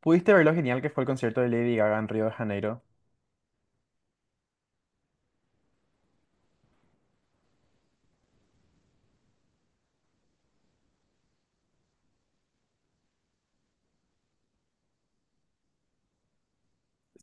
¿Pudiste ver lo genial que fue el concierto de Lady Gaga en Río de Janeiro?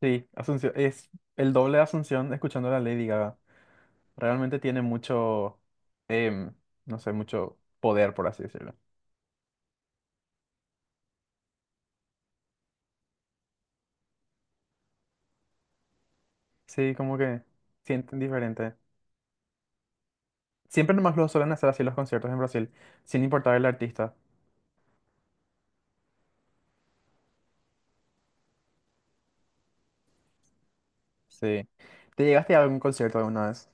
Sí, Asunción, es el doble de Asunción escuchando a la Lady Gaga. Realmente tiene mucho, em, no sé, mucho poder, por así decirlo. Sí, como que sienten diferente. Siempre nomás lo suelen hacer así los conciertos en Brasil, sin importar el artista. Sí. ¿Te llegaste a algún concierto alguna vez?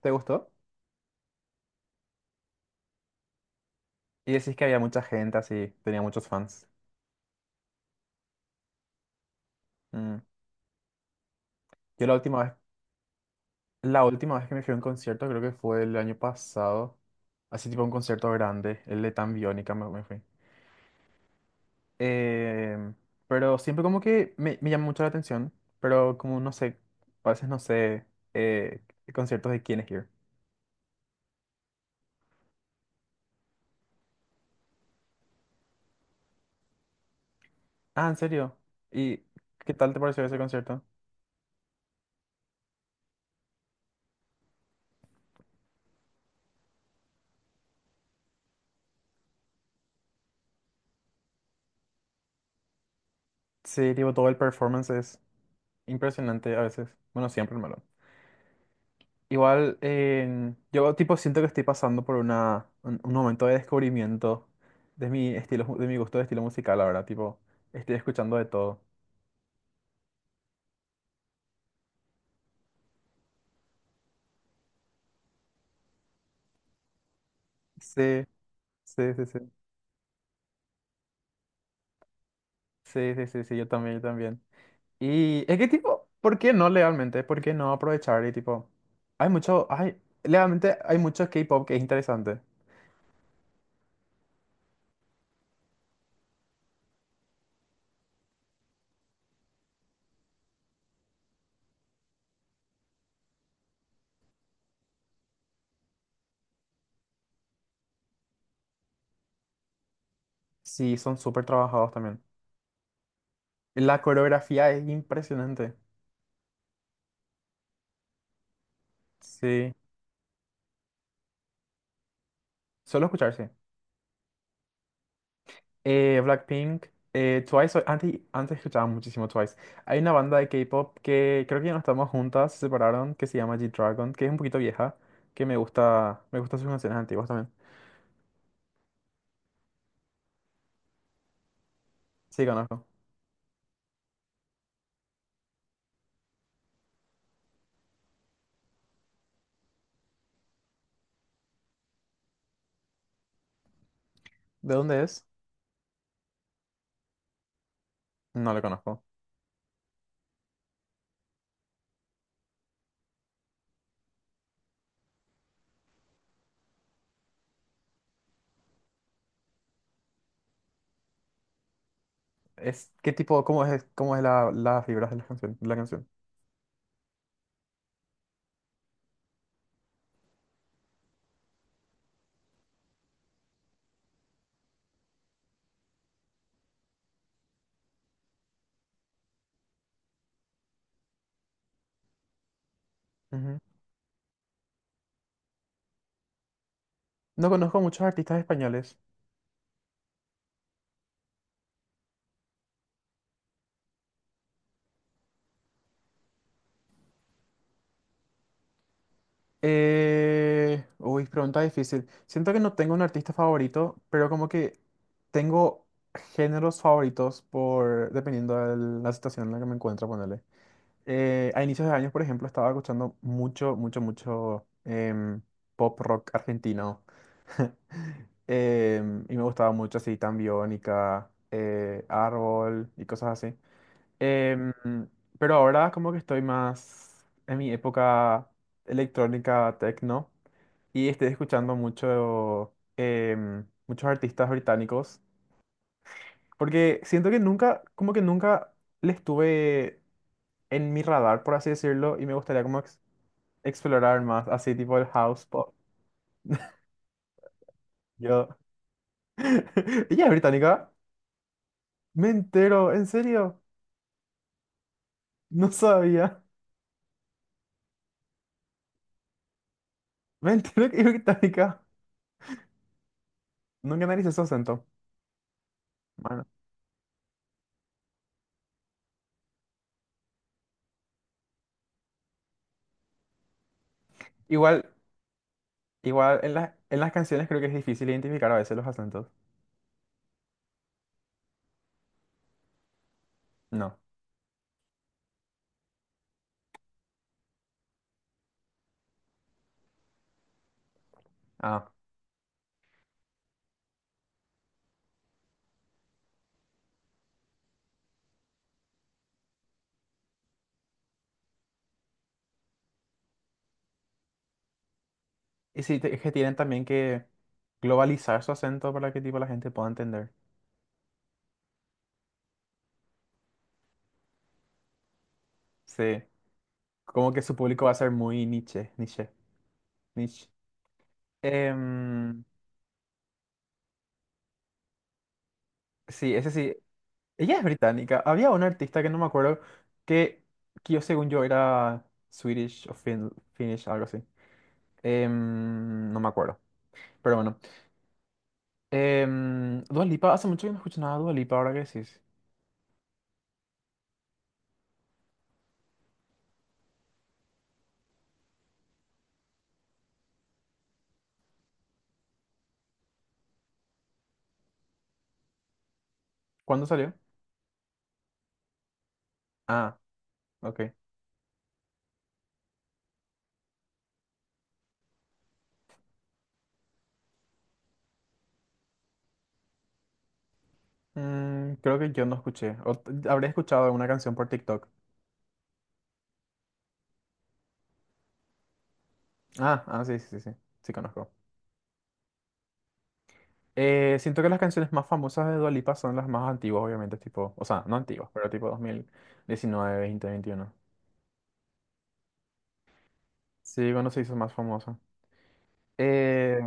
¿Te gustó? Y decís que había mucha gente así, tenía muchos fans. Mm. Yo la última vez La última vez que me fui a un concierto creo que fue el año pasado, así tipo un concierto grande, el de Tan Biónica me fui. Eh, pero siempre como que me llama mucho la atención, pero como no sé, a veces no sé eh, conciertos de quién es Here. Ah, ¿en serio? ¿Y qué tal te pareció ese concierto? Sí, tipo todo el performance es impresionante a veces, bueno, siempre malo. Igual, yo tipo siento que estoy pasando por un momento de descubrimiento de mi estilo, de mi gusto de estilo musical ahora, tipo, estoy escuchando de todo. Sí, sí, sí, sí, sí, sí, sí, sí, yo también, yo también. Y es que tipo, ¿por qué no legalmente? ¿Por qué no aprovechar? Y tipo, legalmente hay mucho K-pop que es interesante. Sí, son súper trabajados también. La coreografía es impresionante. Sí, solo escuchar, sí. Blackpink, Twice, antes escuchaba muchísimo Twice. Hay una banda de K-pop que creo que ya no estamos juntas, se separaron, que se llama G-Dragon, que es un poquito vieja, que me gustan sus canciones antiguas también. Sí, conozco. ¿De dónde es? No lo conozco. ¿Qué tipo, cómo es las vibras de la canción? Ujú. No conozco muchos artistas españoles. Uy, pregunta difícil. Siento que no tengo un artista favorito, pero como que tengo géneros favoritos por dependiendo de la situación en la que me encuentro, ponerle. A inicios de años, por ejemplo, estaba escuchando mucho, mucho, mucho pop rock argentino. Y me gustaba mucho así, Tan Biónica, Árbol y cosas así. Em, pero ahora como que estoy más en mi época electrónica techno y estoy escuchando mucho muchos artistas británicos porque siento que nunca como que nunca les tuve en mi radar por así decirlo y me gustaría como explorar más así tipo el house pop. Yo Ella es británica. Me entero, en serio, no sabía. Me entero que es británica. Nunca analicé su acento. Bueno. Igual. Igual en las canciones creo que es difícil identificar a veces los acentos. No. Ah. Y sí, es que tienen también que globalizar su acento para que tipo la gente pueda entender. Sí. Como que su público va a ser muy niche, niche, niche. Em, sí, ese sí. Ella es británica. Había una artista que no me acuerdo que, que yo según yo era Swedish o Finnish, algo así. No me acuerdo. Pero bueno. Dua Lipa, hace mucho que no escucho nada de Dua Lipa, ahora que decís. ¿Cuándo salió? Ah. Ok. Creo que yo no escuché. O habré escuchado una canción por TikTok. Ah, ah, sí, sí, sí, sí. Sí, conozco. Siento que las canciones más famosas de Dua Lipa son las más antiguas, obviamente, tipo, o sea, no antiguas, pero tipo 2019, veintiuno. Sí, cuando se hizo más famosa. Eh,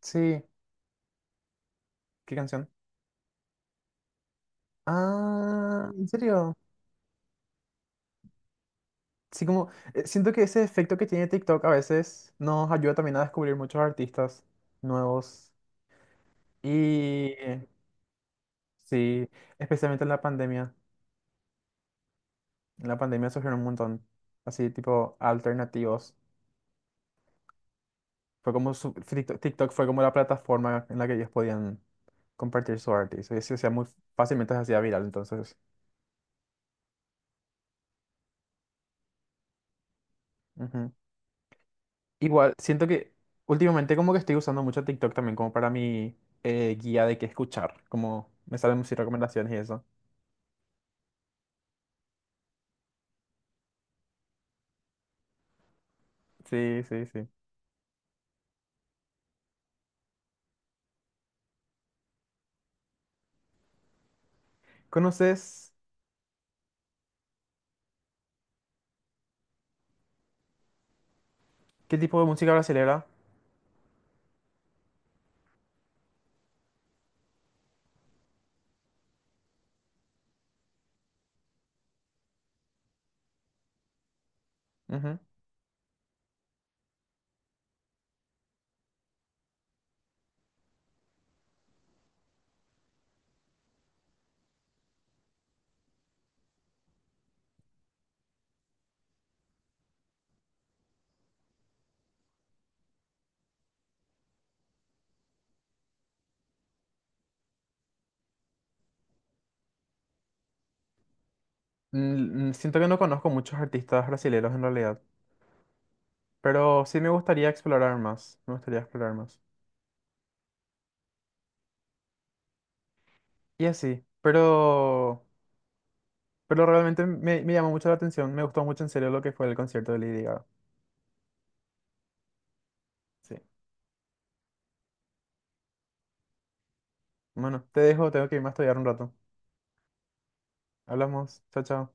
sí, ¿qué canción? Ah, ¿en serio? Sí, como, siento que ese efecto que tiene TikTok a veces nos ayuda también a descubrir muchos artistas nuevos. Y sí, especialmente en la pandemia. En la pandemia surgieron un montón, así tipo alternativos. Fue como TikTok fue como la plataforma en la que ellos podían compartir su arte. Y se hacía muy fácilmente, se hacía viral, entonces. Ujú. Igual, siento que últimamente como que estoy usando mucho TikTok también como para mi guía de qué escuchar. Como me salen muchas recomendaciones y eso. Sí, sí, sí. ¿Conoces qué tipo de música brasilera? Ujú. Siento que no conozco muchos artistas brasileños en realidad. Pero sí me gustaría explorar más, me gustaría explorar más. Y así, pero realmente me llamó mucho la atención, me gustó mucho en serio lo que fue el concierto de Lady Gaga. Sí. Bueno, te dejo, tengo que irme a estudiar un rato. Hablamos, chao, chao.